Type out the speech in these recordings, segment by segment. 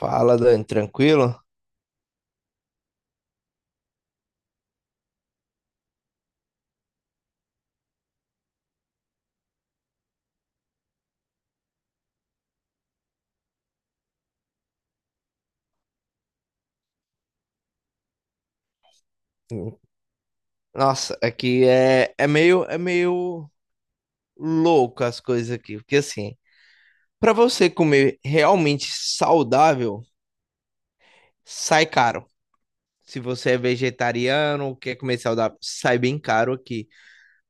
Fala, Dani, tranquilo? Nossa, aqui é meio louco as coisas aqui, porque assim, para você comer realmente saudável, sai caro. Se você é vegetariano, quer comer saudável, sai bem caro aqui.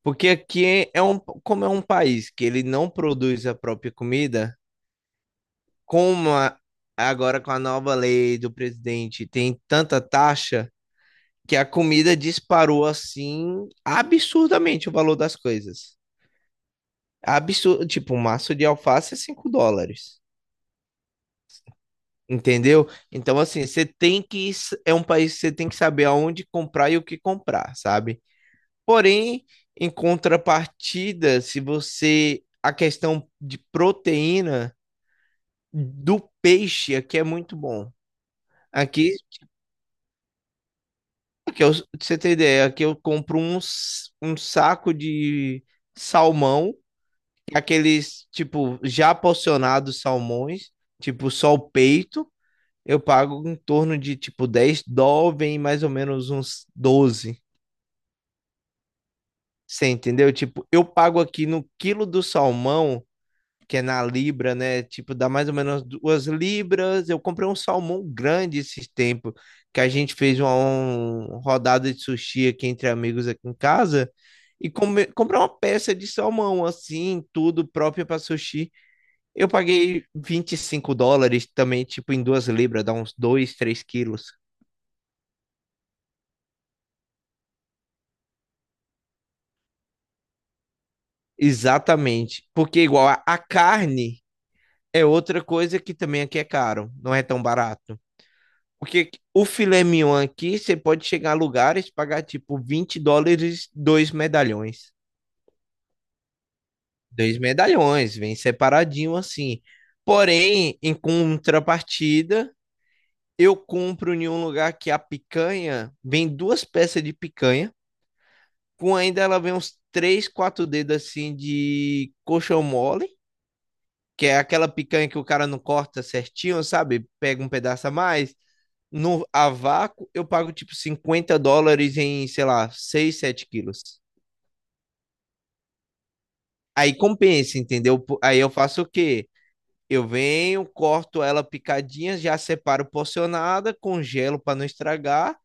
Porque aqui é um, como é um país que ele não produz a própria comida, como a- agora com a nova lei do presidente tem tanta taxa, que a comida disparou assim absurdamente o valor das coisas. Absurdo, tipo, um maço de alface é $5. Entendeu? Então, assim, você tem que. É um país que você tem que saber aonde comprar e o que comprar, sabe? Porém, em contrapartida, se você. A questão de proteína do peixe aqui é muito bom. Aqui, aqui eu, pra você ter ideia, aqui eu compro um saco de salmão aqueles, tipo, já porcionados salmões, tipo, só o peito, eu pago em torno de, tipo, $10, vem mais ou menos uns 12. Você entendeu? Tipo, eu pago aqui no quilo do salmão, que é na libra, né? Tipo, dá mais ou menos 2 libras. Eu comprei um salmão grande esses tempos, que a gente fez uma rodada de sushi aqui entre amigos aqui em casa. Comprei uma peça de salmão, assim, tudo próprio para sushi. Eu paguei $25 também, tipo, em 2 libras, dá uns 2, 3 quilos. Exatamente. Porque igual a carne é outra coisa que também aqui é caro, não é tão barato. Porque o filé mignon aqui, você pode chegar a lugares e pagar tipo $20, dois medalhões. Dois medalhões, vem separadinho assim. Porém, em contrapartida, eu compro em um lugar que a picanha vem duas peças de picanha com ainda ela vem uns três, quatro dedos assim de coxão mole, que é aquela picanha que o cara não corta certinho, sabe? Pega um pedaço a mais. No, a vácuo, eu pago tipo $50 em, sei lá, 6, 7 quilos. Aí compensa, entendeu? Aí eu faço o quê? Eu venho, corto ela picadinha, já separo porcionada, congelo para não estragar.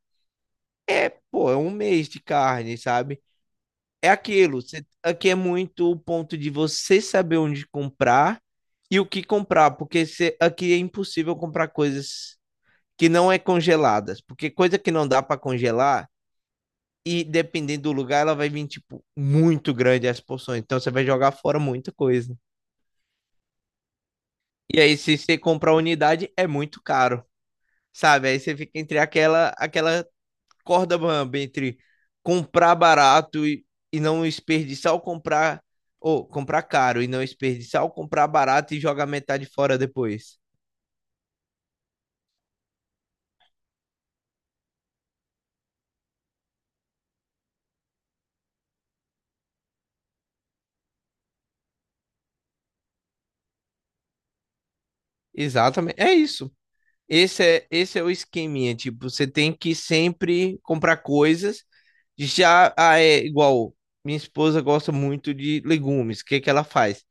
Pô, é um mês de carne, sabe? É aquilo. Você, aqui é muito o ponto de você saber onde comprar e o que comprar, porque você, aqui é impossível comprar coisas que não é congeladas, porque coisa que não dá para congelar e dependendo do lugar ela vai vir tipo muito grande as porções, então você vai jogar fora muita coisa. E aí se você comprar unidade é muito caro, sabe? Aí você fica entre aquela corda bamba entre comprar barato e não desperdiçar ou comprar caro e não desperdiçar ou comprar barato e jogar metade fora depois. Exatamente. É isso. Esse é o esqueminha, tipo, você tem que sempre comprar coisas de já, ah, é igual, minha esposa gosta muito de legumes, o que que ela faz?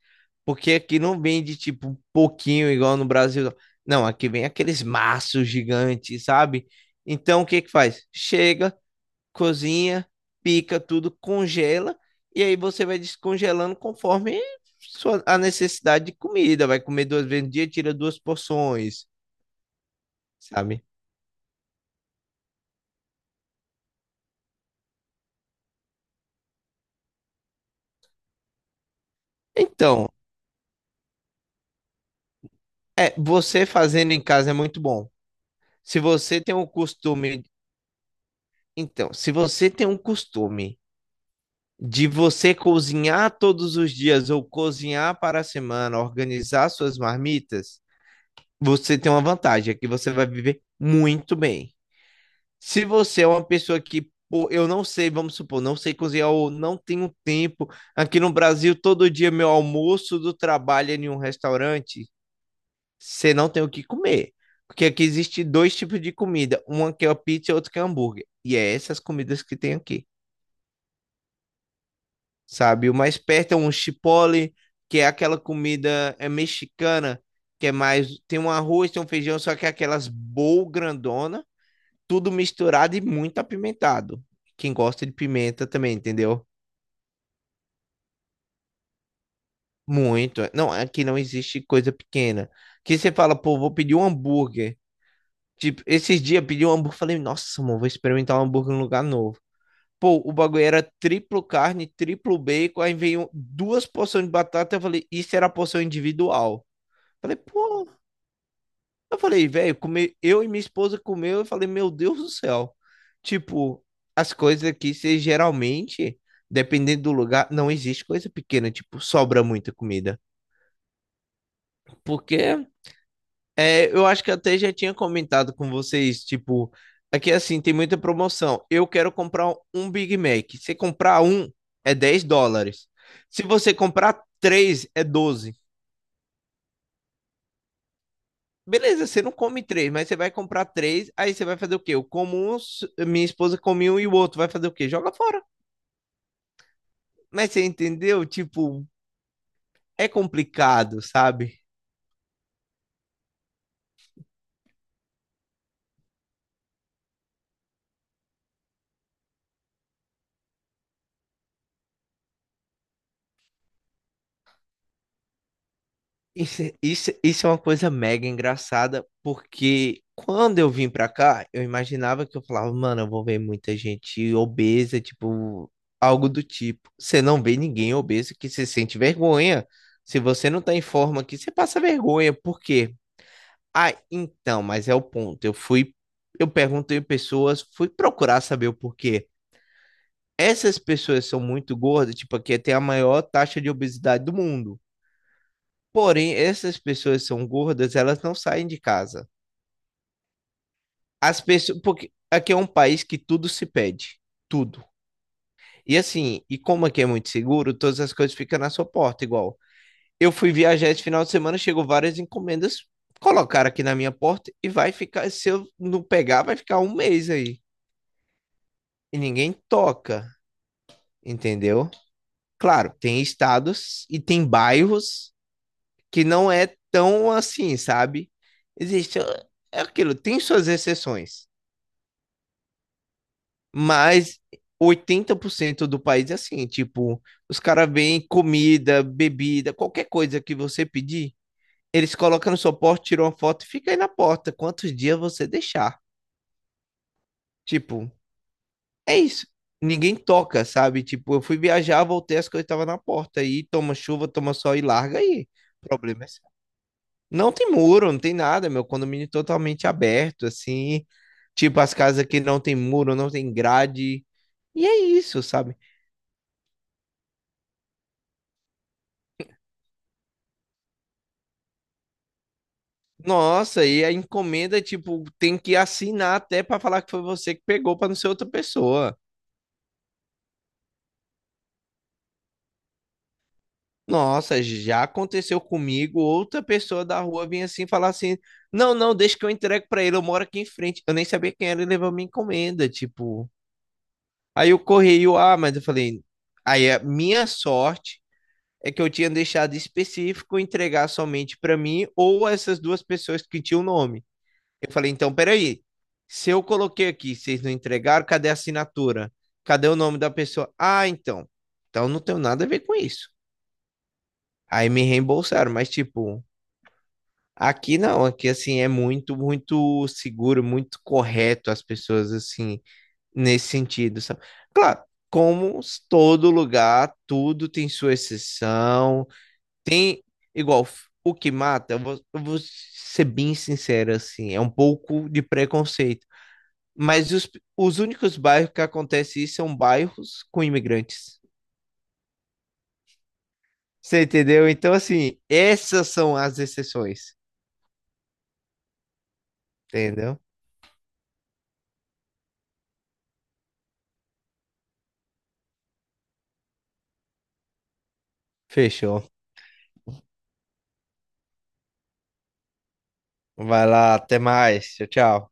Porque aqui não vende, tipo, um pouquinho igual no Brasil, não. Não, aqui vem aqueles maços gigantes, sabe? Então, o que que faz? Chega, cozinha, pica tudo, congela, e aí você vai descongelando conforme sua, a necessidade de comida, vai comer duas vezes no dia, tira duas porções, sabe? Então, é, você fazendo em casa é muito bom. Se você tem um costume, então, se você tem um costume de você cozinhar todos os dias ou cozinhar para a semana, organizar suas marmitas, você tem uma vantagem, é que você vai viver muito bem. Se você é uma pessoa que, pô, eu não sei, vamos supor, não sei cozinhar ou não tenho tempo, aqui no Brasil todo dia meu almoço do trabalho é em um restaurante, você não tem o que comer. Porque aqui existe dois tipos de comida, uma que é pizza e outra que é hambúrguer. E é essas comidas que tem aqui, sabe? O mais perto é um chipotle, que é aquela comida é mexicana, que é mais tem um arroz, tem um feijão, só que é aquelas bowl grandona, tudo misturado e muito apimentado. Quem gosta de pimenta também, entendeu? Muito. Não, aqui não existe coisa pequena. Que você fala, pô, vou pedir um hambúrguer. Tipo, esses dias pedi um hambúrguer, falei, nossa, mano, vou experimentar um hambúrguer num lugar novo. Pô, o bagulho era triplo carne, triplo bacon, aí veio duas porções de batata, eu falei, isso era a porção individual. Falei, pô, eu falei, velho, come, eu e minha esposa comeu, eu falei, meu Deus do céu. Tipo, as coisas aqui, você geralmente, dependendo do lugar, não existe coisa pequena, tipo, sobra muita comida. Porque é, eu acho que até já tinha comentado com vocês, tipo, aqui assim, tem muita promoção. Eu quero comprar um Big Mac. Se comprar um, é $10. Se você comprar três, é 12. Beleza, você não come três, mas você vai comprar três, aí você vai fazer o quê? Eu como um, minha esposa come um e o outro vai fazer o quê? Joga fora. Mas você entendeu? Tipo, é complicado, sabe? Isso, é uma coisa mega engraçada, porque quando eu vim pra cá, eu imaginava que eu falava, mano, eu vou ver muita gente obesa, tipo, algo do tipo. Você não vê ninguém obeso que se sente vergonha. Se você não tá em forma aqui, você passa vergonha. Por quê? Ah, então, mas é o ponto. Eu perguntei pessoas, fui procurar saber o porquê. Essas pessoas são muito gordas, tipo, aqui tem a maior taxa de obesidade do mundo. Porém, essas pessoas são gordas, elas não saem de casa. As pessoas, porque aqui é um país que tudo se pede, tudo. E assim, e como aqui é muito seguro, todas as coisas ficam na sua porta, igual. Eu fui viajar esse final de semana, chegou várias encomendas, colocaram aqui na minha porta e vai ficar, se eu não pegar, vai ficar um mês aí. E ninguém toca, entendeu? Claro, tem estados e tem bairros que não é tão assim, sabe? Existe, é aquilo, tem suas exceções. Mas 80% do país é assim, tipo, os caras veem comida, bebida, qualquer coisa que você pedir, eles colocam no seu porta, tiram uma foto e fica aí na porta, quantos dias você deixar. Tipo, é isso. Ninguém toca, sabe? Tipo, eu fui viajar, voltei, as coisas estavam na porta. Aí toma chuva, toma sol e larga aí. O problema é seu. Não tem muro, não tem nada, meu condomínio é totalmente aberto, assim. Tipo, as casas que não tem muro, não tem grade. E é isso, sabe? Nossa, e a encomenda, tipo, tem que assinar até para falar que foi você que pegou para não ser outra pessoa. Nossa, já aconteceu comigo, outra pessoa da rua vinha assim falar assim: "Não, não, deixa que eu entrego para ele, eu moro aqui em frente". Eu nem sabia quem era e levou minha encomenda, tipo. Aí o correio, ah, mas eu falei: "Aí a minha sorte é que eu tinha deixado específico entregar somente para mim ou essas duas pessoas que tinham o nome". Eu falei, então, peraí. Se eu coloquei aqui, vocês não entregaram, cadê a assinatura? Cadê o nome da pessoa? Ah, então. Então não tenho nada a ver com isso. Aí me reembolsaram, mas tipo, aqui não, aqui assim é muito, muito seguro, muito correto as pessoas assim, nesse sentido, sabe? Claro, como todo lugar, tudo tem sua exceção, tem igual o que mata, eu vou ser bem sincero assim, é um pouco de preconceito. Mas os únicos bairros que acontece isso são bairros com imigrantes. Você entendeu? Então, assim, essas são as exceções. Entendeu? Fechou. Vai lá, até mais. Tchau, tchau.